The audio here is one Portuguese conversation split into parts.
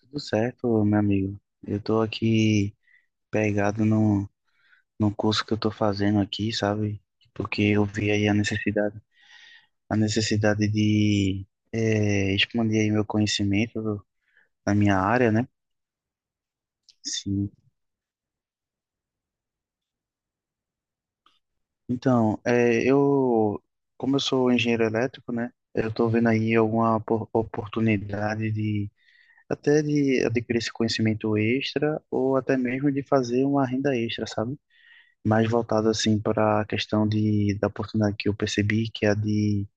Tudo certo, meu amigo. Eu tô aqui pegado no curso que eu tô fazendo aqui, sabe? Porque eu vi aí a necessidade de expandir aí meu conhecimento na minha área, né? Sim. Então, como eu sou engenheiro elétrico, né? Eu tô vendo aí alguma oportunidade de até de adquirir esse conhecimento extra ou até mesmo de fazer uma renda extra, sabe? Mais voltado assim para a questão da oportunidade que eu percebi, que é a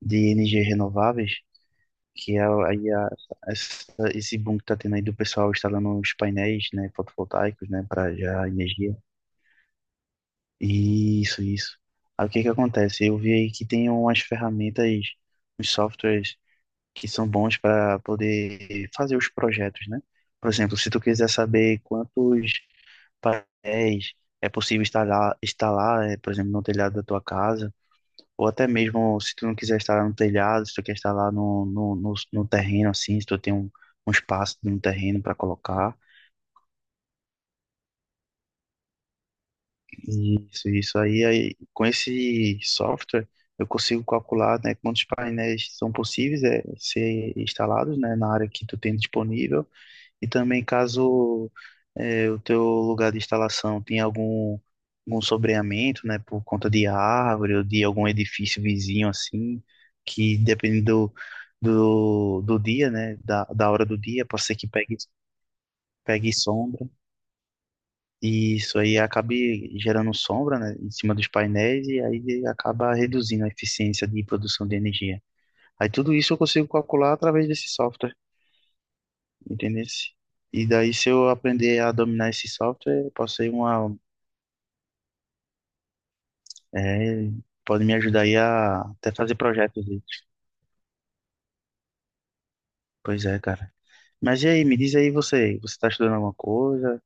de energias renováveis, que é aí esse boom que está tendo aí do pessoal instalando os painéis, né, fotovoltaicos, né, para gerar energia. Isso, isso. Aí o que que acontece? Eu vi aí que tem umas ferramentas, uns softwares que são bons para poder fazer os projetos, né? Por exemplo, se tu quiser saber quantos painéis é possível instalar, por exemplo, no telhado da tua casa. Ou até mesmo se tu não quiser instalar no telhado, se tu quer instalar no terreno, assim, se tu tem um, um espaço no terreno para colocar. Isso aí. Aí, com esse software, eu consigo calcular, né, quantos painéis são possíveis ser instalados, né, na área que tu tem disponível. E também caso o teu lugar de instalação tenha algum, algum sobreamento, né, por conta de árvore ou de algum edifício vizinho assim, que dependendo do do dia, né, da, da hora do dia, pode ser que pegue sombra. E isso aí acabe gerando sombra, né, em cima dos painéis e aí acaba reduzindo a eficiência de produção de energia. Aí tudo isso eu consigo calcular através desse software. Entendesse? E daí, se eu aprender a dominar esse software, eu posso ser uma. É, pode me ajudar aí a até fazer projetos aí. Pois é, cara. Mas e aí, me diz aí você, você tá estudando alguma coisa?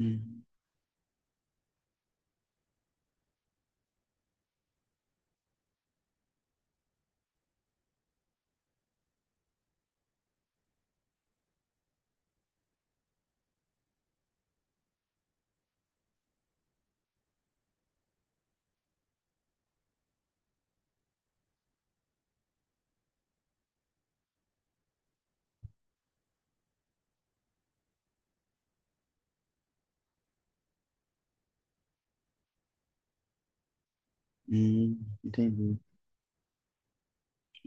Hum, entendi.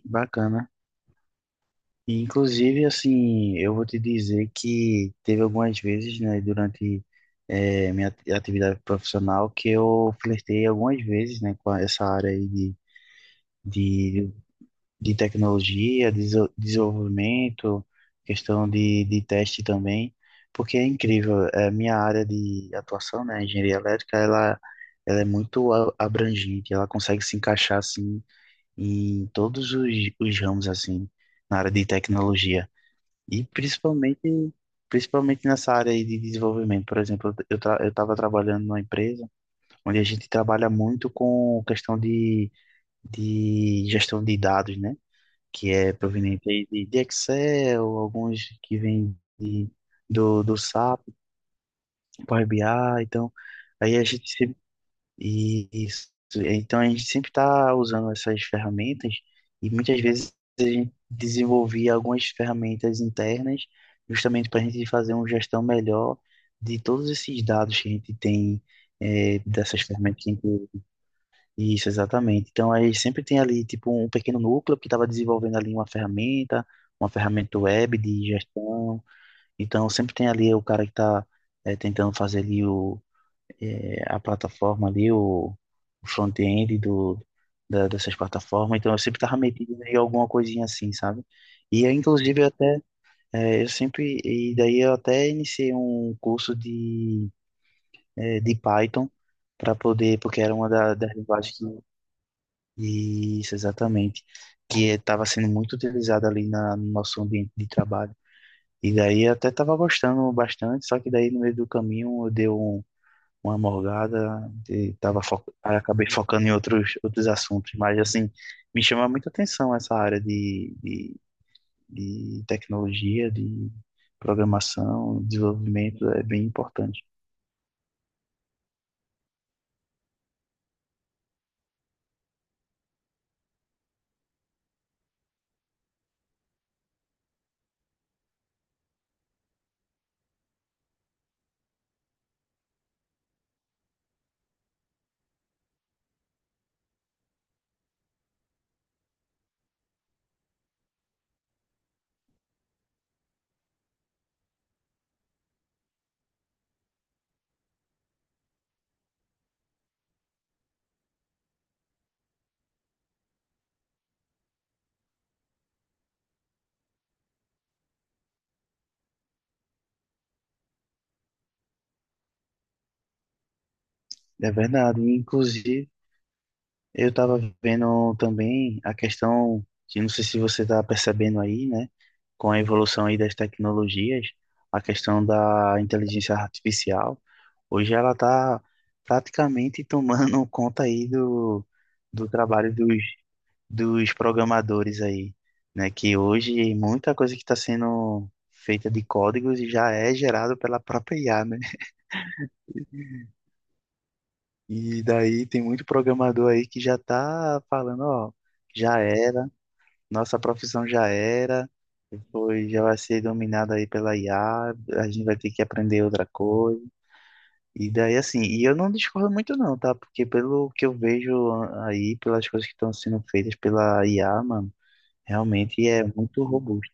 Bacana. E, inclusive, assim, eu vou te dizer que teve algumas vezes, né, durante minha atividade profissional que eu flertei algumas vezes, né, com essa área aí de de tecnologia, desenvolvimento, questão de teste também, porque é incrível, é, minha área de atuação, né, engenharia elétrica, ela é muito abrangente, ela consegue se encaixar, assim, em todos os ramos, assim, na área de tecnologia, e principalmente, principalmente nessa área aí de desenvolvimento. Por exemplo, eu estava trabalhando numa empresa onde a gente trabalha muito com questão de gestão de dados, né, que é proveniente aí de Excel, alguns que vêm do SAP, Power BI, então aí a gente sempre, e, isso, então a gente sempre está usando essas ferramentas e muitas vezes a gente desenvolvia algumas ferramentas internas justamente para a gente fazer uma gestão melhor de todos esses dados que a gente tem dessas ferramentas, isso, exatamente. Então, aí sempre tem ali, tipo, um pequeno núcleo que estava desenvolvendo ali uma ferramenta web de gestão. Então, sempre tem ali o cara que está tentando fazer ali a plataforma ali, o front-end dessas plataformas. Então, eu sempre estava metido em alguma coisinha assim, sabe? E, aí, inclusive, eu até, eh, eu sempre, e daí eu até iniciei um curso de, de Python para poder, porque era uma das linguagens que isso, exatamente. Que estava sendo muito utilizado ali na, no nosso ambiente de trabalho. E daí eu até estava gostando bastante, só que daí no meio do caminho eu dei uma morgada, e tava fo aí acabei focando em outros, outros assuntos. Mas assim, me chama muita atenção essa área de tecnologia, de programação, desenvolvimento, é bem importante. É verdade. Inclusive, eu tava vendo também a questão que não sei se você tá percebendo aí, né, com a evolução aí das tecnologias, a questão da inteligência artificial. Hoje ela tá praticamente tomando conta aí do, do trabalho dos, dos programadores aí, né, que hoje muita coisa que está sendo feita de códigos já é gerado pela própria IA, né? E daí tem muito programador aí que já tá falando, ó, já era. Nossa profissão já era, foi, já vai ser dominada aí pela IA, a gente vai ter que aprender outra coisa. E daí assim, e eu não discordo muito não, tá? Porque pelo que eu vejo aí, pelas coisas que estão sendo feitas pela IA, mano, realmente é muito robusto.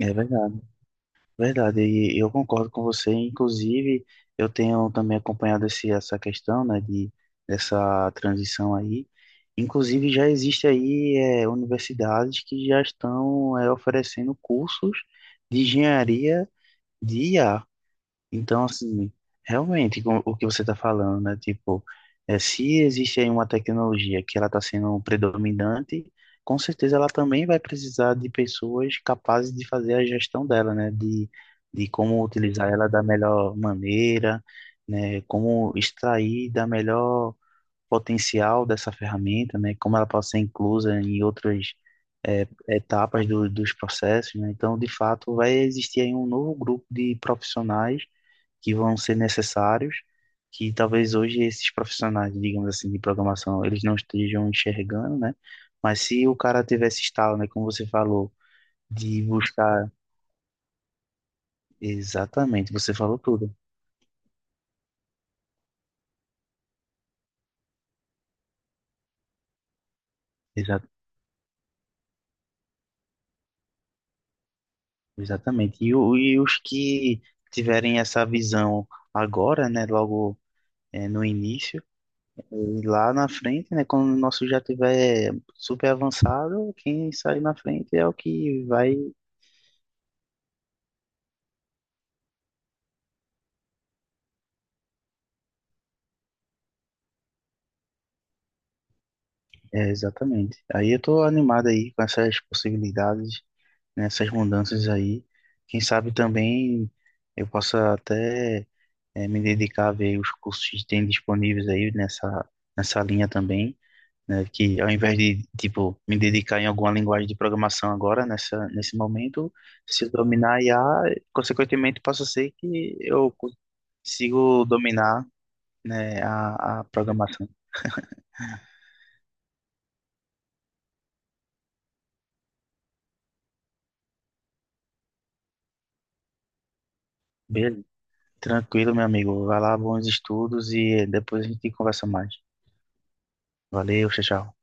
É verdade. Verdade, e eu concordo com você. Inclusive, eu tenho também acompanhado essa questão, né, de, dessa transição aí. Inclusive, já existe aí é, universidades que já estão é, oferecendo cursos de engenharia de IA. Então, assim, realmente, com o que você está falando, né? Tipo, é, se existe aí uma tecnologia que ela está sendo predominante, com certeza ela também vai precisar de pessoas capazes de fazer a gestão dela, né? De como utilizar ela da melhor maneira, né? Como extrair da melhor potencial dessa ferramenta, né? Como ela pode ser inclusa em outras é, etapas do, dos processos, né? Então, de fato, vai existir aí um novo grupo de profissionais que vão ser necessários, que talvez hoje esses profissionais, digamos assim, de programação, eles não estejam enxergando, né? Mas se o cara tivesse estalo, né, como você falou, de buscar exatamente, você falou tudo, exa exatamente. E, e os que tiverem essa visão agora, né, logo no início, e lá na frente, né, quando o nosso já tiver super avançado, quem sai na frente é o que vai. É, exatamente. Aí eu tô animado aí com essas possibilidades, né, essas mudanças aí. Quem sabe também eu possa até me dedicar a ver os cursos que tem disponíveis aí nessa, nessa linha também, né, que ao invés de, tipo, me dedicar em alguma linguagem de programação agora, nessa, nesse momento, se eu dominar I a consequentemente possa ser que eu consigo dominar, né, a programação. Beleza. Tranquilo, meu amigo. Vai lá, bons estudos e depois a gente conversa mais. Valeu, tchau, tchau.